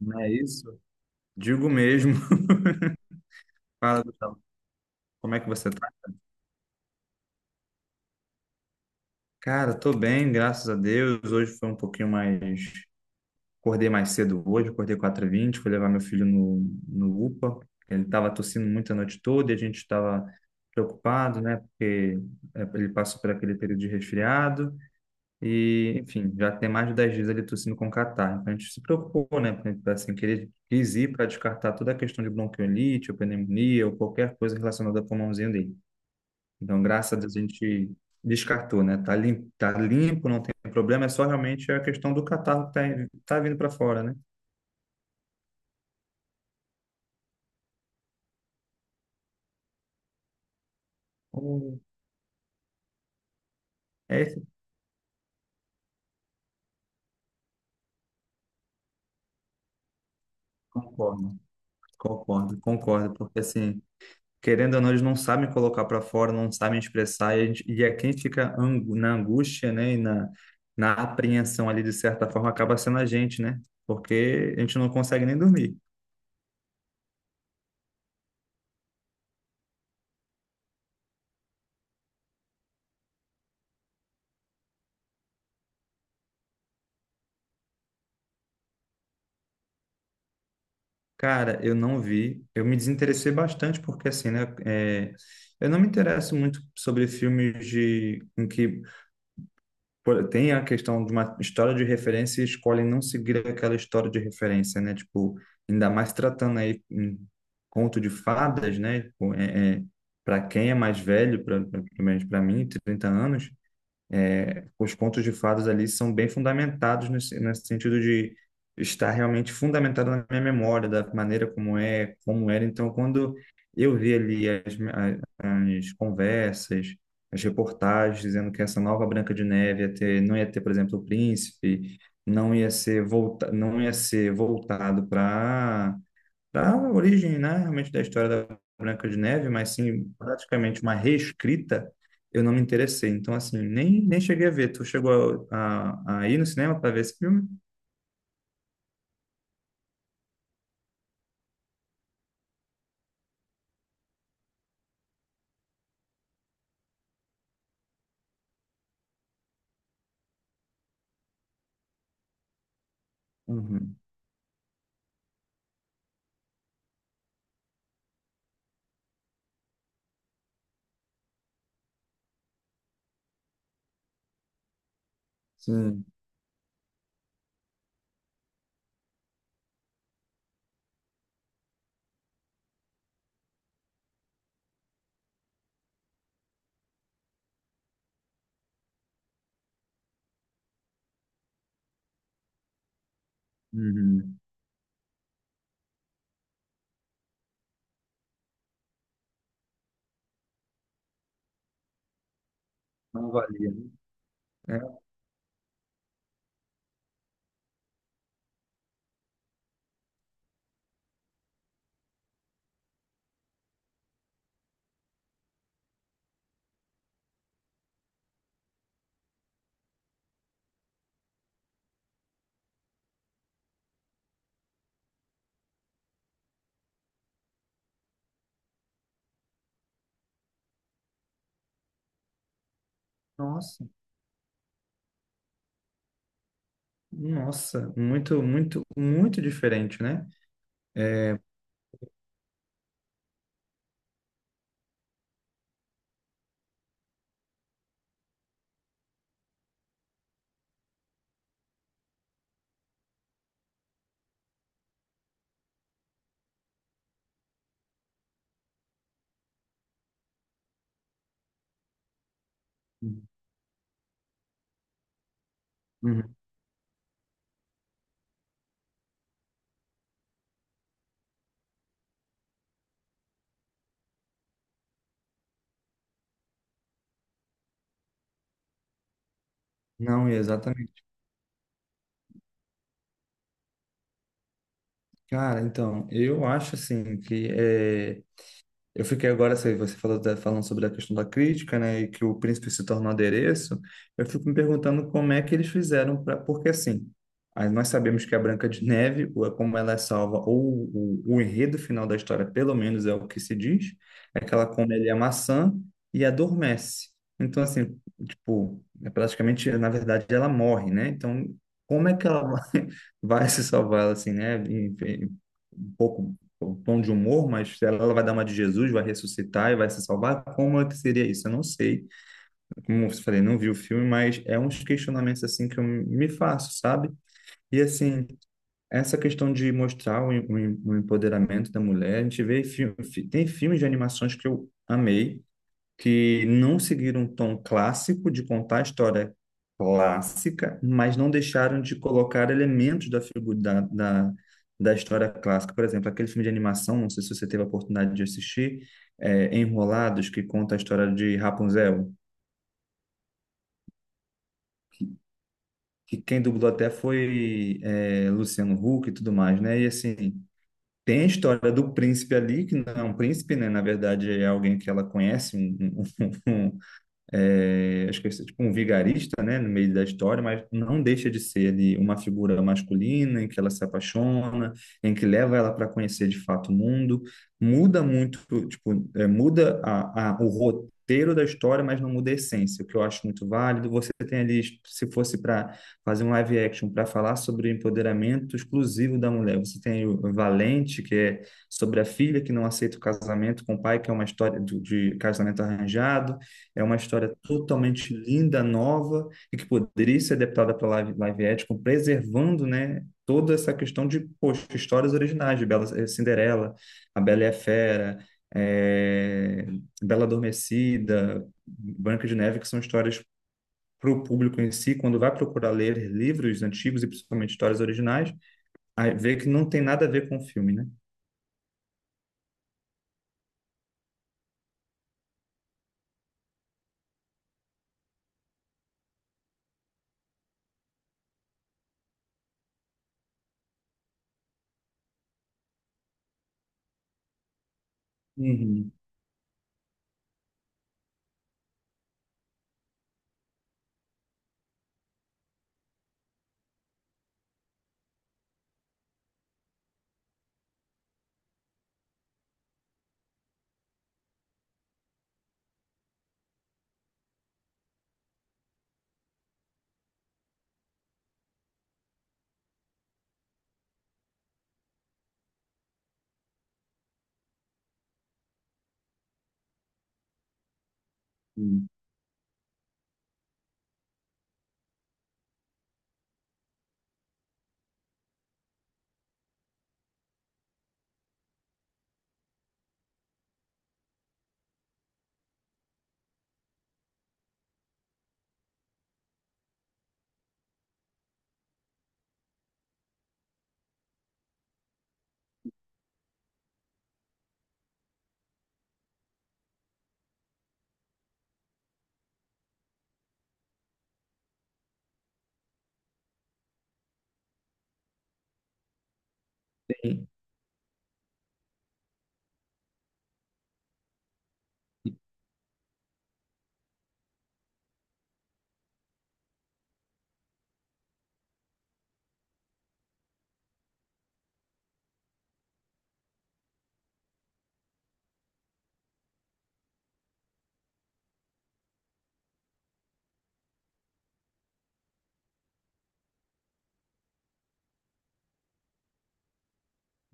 Não é isso? Digo mesmo. Fala, Gustavo. Como é que você tá? Cara, tô bem, graças a Deus. Hoje foi um pouquinho mais. Acordei mais cedo hoje, acordei quatro h 20 fui levar meu filho no UPA. Ele tava tossindo muito a noite toda e a gente estava preocupado, né? Porque ele passou por aquele período de resfriado e, enfim, já tem mais de 10 dias ele tossindo com catarro. Então a gente se preocupou, né? Porque, assim, querer quis ir para descartar toda a questão de bronquiolite, ou pneumonia ou qualquer coisa relacionada ao pulmãozinho dele. Então, graças a Deus, a gente descartou, né? Tá limpo, não tem problema, é só realmente a questão do catarro que tá vindo para fora, né? Então, é isso. Concordo, concordo, concordo, porque assim, querendo ou não, eles não sabem colocar para fora, não sabem expressar, e, a gente, e é quem fica na angústia, né? E na apreensão ali, de certa forma, acaba sendo a gente, né? Porque a gente não consegue nem dormir. Cara, eu não vi. Eu me desinteressei bastante porque, assim, né? Eu não me interesso muito sobre filmes em que pô, tem a questão de uma história de referência e escolhem não seguir aquela história de referência, né? Tipo, ainda mais tratando aí um conto de fadas, né? Tipo, para quem é mais velho, pelo menos para mim, 30 anos, os contos de fadas ali são bem fundamentados nesse sentido de estar realmente fundamentado na minha memória, da maneira como é, como era. Então, quando eu vi ali as conversas, as reportagens dizendo que essa nova Branca de Neve ia ter, não ia ter, por exemplo, o príncipe, não ia ser voltado para da origem, né, realmente da história da Branca de Neve, mas sim praticamente uma reescrita, eu não me interessei. Então, assim, nem cheguei a ver. Tu chegou a ir no cinema para ver esse filme? Uhum. Sim. Uhum. Não valia, né? É, nossa, nossa, muito, muito, muito diferente, né? Uhum. Não, exatamente. Cara, então, eu acho assim que é. Eu fiquei agora, você falou, tá falando sobre a questão da crítica, né, e que o príncipe se tornou adereço, eu fico me perguntando como é que eles fizeram para, porque assim, aí nós sabemos que a Branca de Neve, ou é como ela é salva, ou o enredo final da história, pelo menos é o que se diz, é que ela come ali a maçã e adormece. Então assim, tipo, é praticamente, na verdade, ela morre, né? Então, como é que ela vai se salvar, assim, né? Enfim, um pouco o tom de humor, mas se ela vai dar uma de Jesus, vai ressuscitar e vai se salvar, como é que seria isso? Eu não sei. Como eu falei, não vi o filme, mas é uns questionamentos assim que eu me faço, sabe? E assim, essa questão de mostrar o empoderamento da mulher, a gente vê filme, tem filmes de animações que eu amei, que não seguiram um tom clássico de contar a história clássica, mas não deixaram de colocar elementos da figura da história clássica. Por exemplo, aquele filme de animação, não sei se você teve a oportunidade de assistir, Enrolados, que conta a história de Rapunzel, que quem dublou até foi Luciano Huck e tudo mais, né? E assim, tem a história do príncipe ali, que não é um príncipe, né? Na verdade, é alguém que ela conhece, um, um, acho que é tipo um vigarista, né, no meio da história, mas não deixa de ser ali uma figura masculina em que ela se apaixona, em que leva ela para conhecer de fato o mundo, muda muito, tipo, muda o roteiro da história, mas não muda a essência, o que eu acho muito válido. Você tem ali, se fosse para fazer um live action para falar sobre o empoderamento exclusivo da mulher, você tem o Valente, que é sobre a filha que não aceita o casamento com o pai, que é uma história de casamento arranjado. É uma história totalmente linda, nova, e que poderia ser adaptada para live action, preservando, né, toda essa questão de, poxa, histórias originais de Bela, Cinderela, A Bela e a Fera, eh, Bela Adormecida, Branca de Neve, que são histórias para o público em si, quando vai procurar ler livros antigos e principalmente histórias originais, aí vê que não tem nada a ver com o filme, né? Uhum. Sim,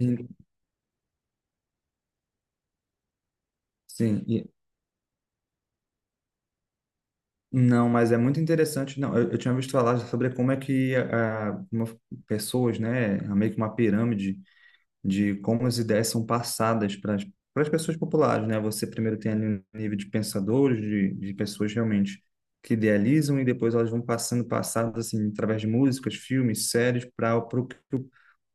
sim. Sim. Não, mas é muito interessante. Não, eu tinha visto falar sobre como é que pessoas, né, meio que uma pirâmide, de como as ideias são passadas para as pessoas populares, né? Você primeiro tem ali um nível de pensadores, de pessoas realmente que idealizam e depois elas vão passando passadas assim através de músicas, filmes, séries para o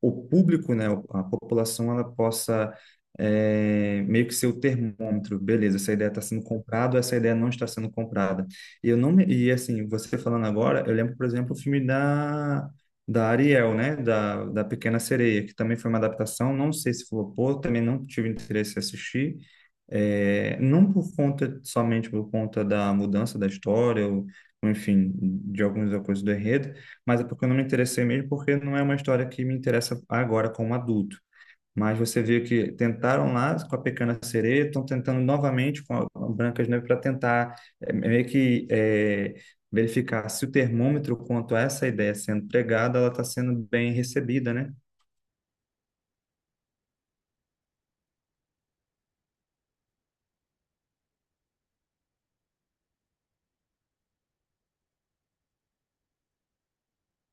o público, né, a população ela possa meio que ser o termômetro, beleza? Essa ideia está sendo comprada, ou essa ideia não está sendo comprada. E eu não me- e assim você falando agora, eu lembro por exemplo o filme da Ariel, né? Da Pequena Sereia, que também foi uma adaptação. Não sei se flopou, também não tive interesse em assistir. É, não por conta, somente por conta da mudança da história, ou, enfim, de algumas coisas do enredo, mas é porque eu não me interessei mesmo, porque não é uma história que me interessa agora como adulto. Mas você vê que tentaram lá com a Pequena Sereia, estão tentando novamente com a Branca de Neve para tentar meio que verificar se o termômetro quanto a essa ideia sendo pregada, ela está sendo bem recebida, né?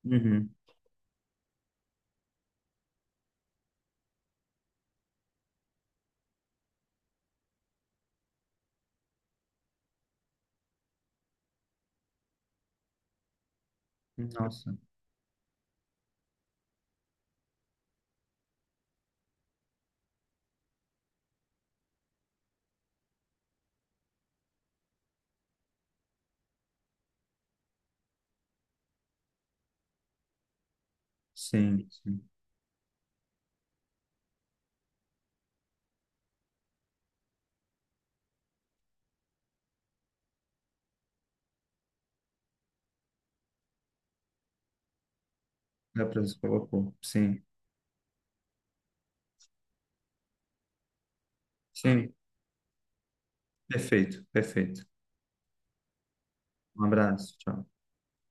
Uhum. Nossa, sim, sim. Dá para você colocou. Sim, sim. Perfeito, perfeito. Um abraço, tchau.